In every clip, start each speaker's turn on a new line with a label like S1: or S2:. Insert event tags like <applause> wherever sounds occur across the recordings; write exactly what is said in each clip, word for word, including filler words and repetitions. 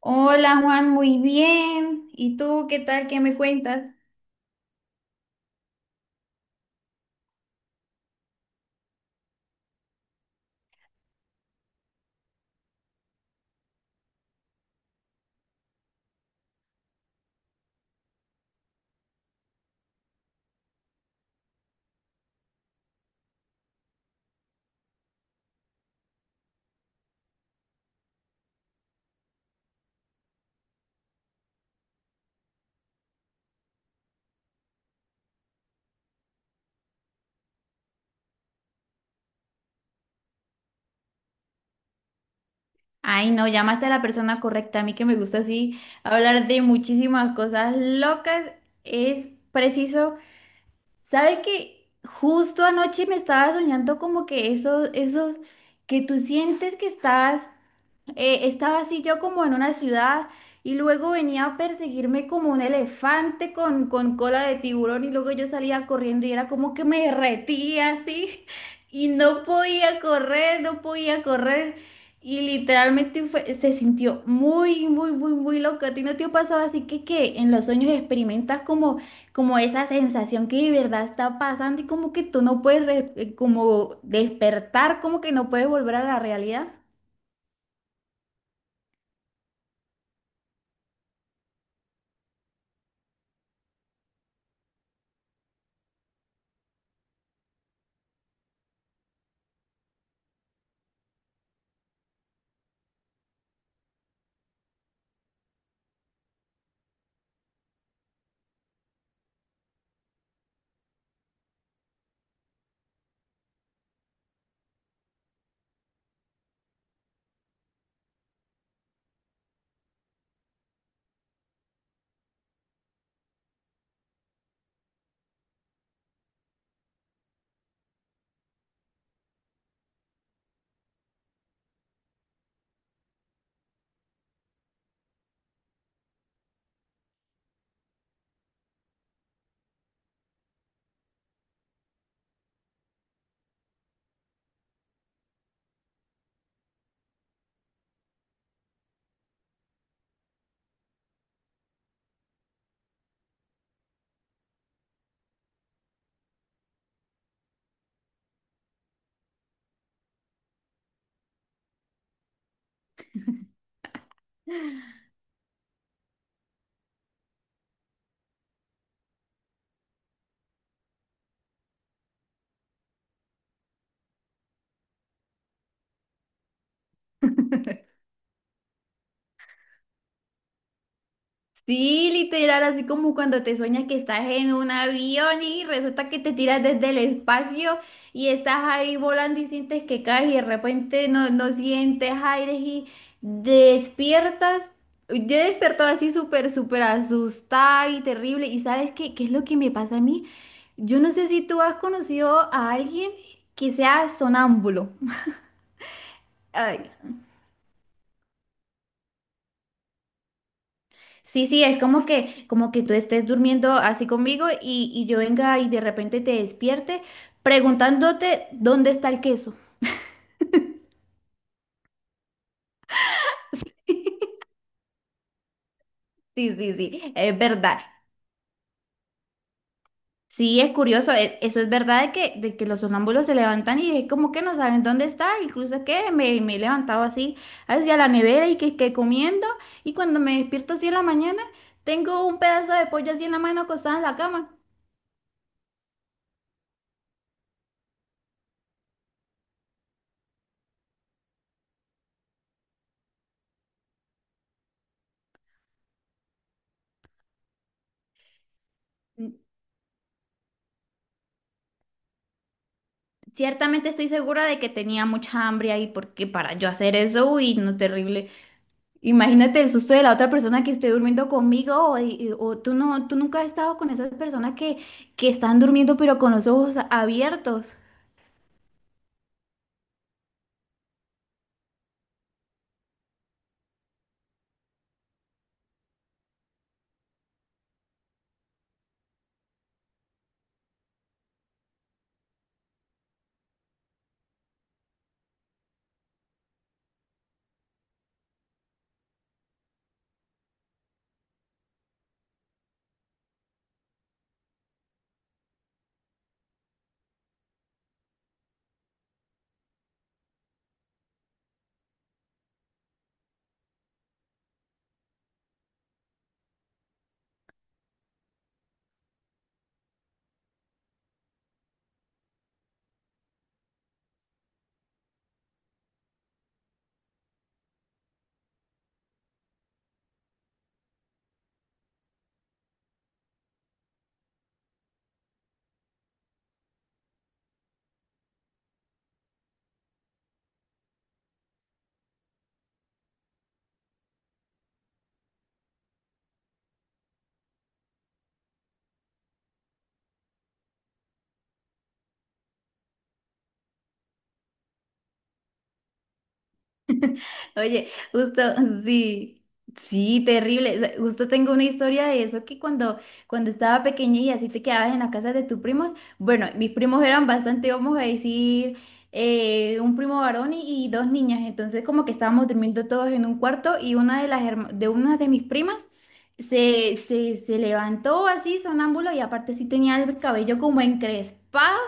S1: Hola Juan, muy bien. ¿Y tú qué tal? ¿Qué me cuentas? Ay, no, llamaste a la persona correcta. A mí que me gusta así hablar de muchísimas cosas locas. Es preciso. ¿Sabes que justo anoche me estaba soñando como que esos, esos que tú sientes que estás? Eh, estaba así yo como en una ciudad y luego venía a perseguirme como un elefante con, con cola de tiburón y luego yo salía corriendo y era como que me derretía así <laughs> y no podía correr, no podía correr y literalmente fue- se sintió muy, muy, muy, muy loco. ¿A ti no te ha pasado así que, que en los sueños experimentas como, como esa sensación que de verdad está pasando y como que tú no puedes re- como despertar, como que no puedes volver a la realidad? Sí, literal, así como cuando te sueñas que estás en un avión y resulta que te tiras desde el espacio y estás ahí volando y sientes que caes y de repente no, no sientes aire y despiertas. Yo despertó así súper, súper asustada y terrible. ¿Y sabes qué, qué es lo que me pasa a mí? Yo no sé si tú has conocido a alguien que sea sonámbulo. <laughs> Sí, sí, es como que, como que tú estés durmiendo así conmigo y, y yo venga y de repente te despierte preguntándote dónde está el queso. Sí, sí, sí, es verdad. Sí, es curioso, e- eso es verdad de que, de que los sonámbulos se levantan y es como que no saben dónde está, incluso que me, me he levantado así hacia la nevera y que, que comiendo y cuando me despierto así en la mañana tengo un pedazo de pollo así en la mano acostada en la cama. Ciertamente estoy segura de que tenía mucha hambre ahí, porque para yo hacer eso, uy, no, terrible. Imagínate el susto de la otra persona que esté durmiendo conmigo, o, y- o tú no, tú nunca has estado con esas personas que, que están durmiendo pero con los ojos abiertos. Oye, justo, <laughs> sí, sí, terrible. O sea, justo tengo una historia de eso que cuando, cuando estaba pequeña y así te quedabas en la casa de tus primos, bueno, mis primos eran bastante, vamos a decir, eh, un primo varón y, y dos niñas, entonces como que estábamos durmiendo todos en un cuarto y una de las herma- de una de mis primas se, se, se levantó así sonámbulo y aparte sí tenía el cabello como encrespado,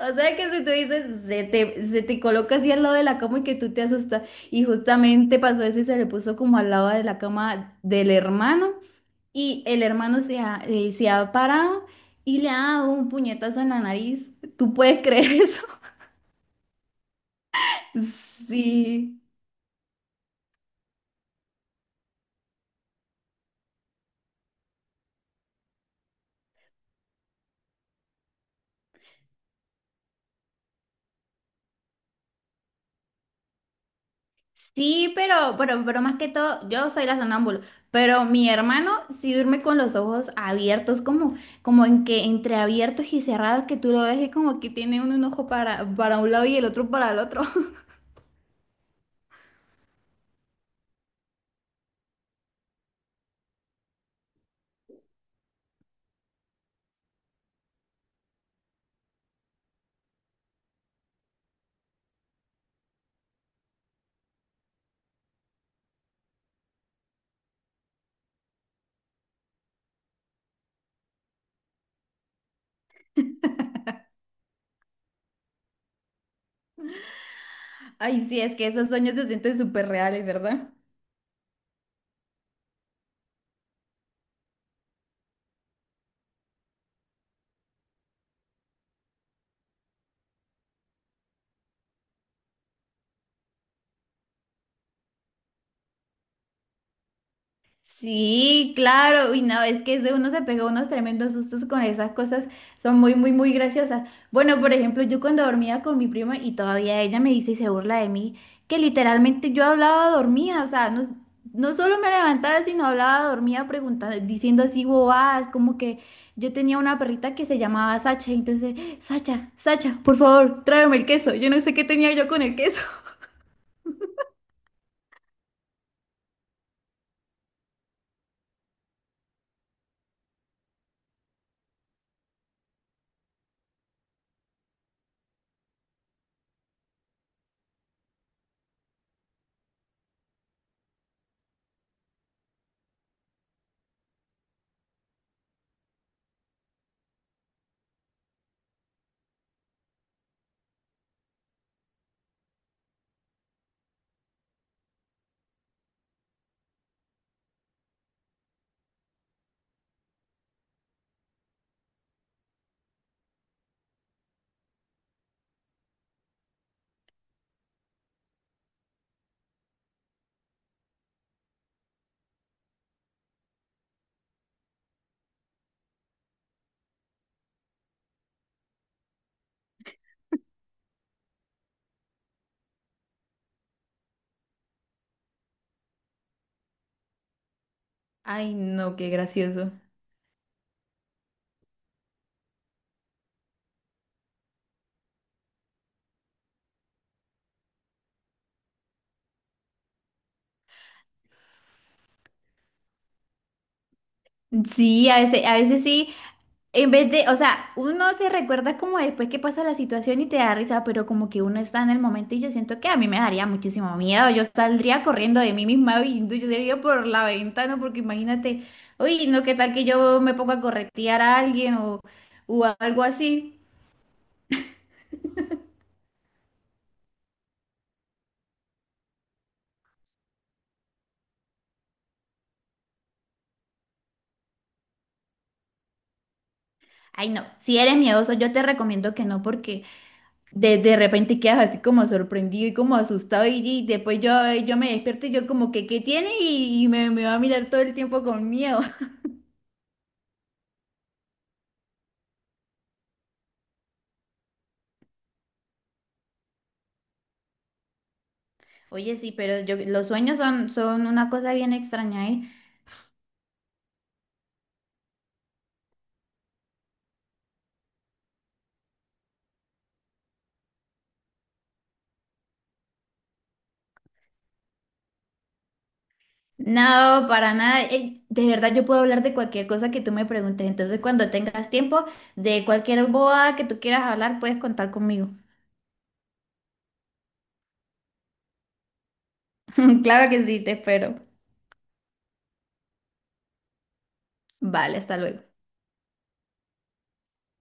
S1: o sea que si tú dices, se te, se te coloca así al lado de la cama y que tú te asustas. Y justamente pasó eso y se le puso como al lado de la cama del hermano. Y el hermano se ha, eh, se ha parado y le ha dado un puñetazo en la nariz. ¿Tú puedes creer eso? <laughs> Sí. Sí, pero, pero, pero más que todo, yo soy la sonámbula, pero mi hermano sí duerme con los ojos abiertos, como, como en que entre abiertos y cerrados, que tú lo ves y como que tiene uno un ojo para, para un lado y el otro para el otro. <laughs> Ay, sí, es que esos sueños se sienten súper reales, ¿verdad? Sí, claro. Uy, no, es que ese uno se pegó unos tremendos sustos con esas cosas. Son muy, muy, muy graciosas. Bueno, por ejemplo, yo cuando dormía con mi prima y todavía ella me dice y se burla de mí, que literalmente yo hablaba dormía. O sea, no, no solo me levantaba, sino hablaba dormía preguntando, diciendo así bobadas, como que yo tenía una perrita que se llamaba Sacha. Y entonces, Sacha, Sacha, por favor, tráeme el queso. Yo no sé qué tenía yo con el queso. <laughs> Ay, no, qué gracioso. Sí, a veces, a veces sí. En vez de, o sea, uno se recuerda como después que pasa la situación y te da risa, pero como que uno está en el momento y yo siento que a mí me daría muchísimo miedo. Yo saldría corriendo de mí misma y yo sería por la ventana, porque imagínate, uy, no, qué tal que yo me ponga a corretear a alguien o, o algo así. Ay, no, si eres miedoso, yo te recomiendo que no, porque de, de repente quedas así como sorprendido y como asustado y, y después yo, yo me despierto y yo como que, ¿qué tiene? Y, y me, me va a mirar todo el tiempo con miedo. Oye, sí, pero yo, los sueños son, son una cosa bien extraña, ¿eh? No, para nada. eh, de verdad, yo puedo hablar de cualquier cosa que tú me preguntes. Entonces, cuando tengas tiempo, de cualquier boa que tú quieras hablar, puedes contar conmigo. <laughs> Claro que sí, te espero. Vale, hasta luego.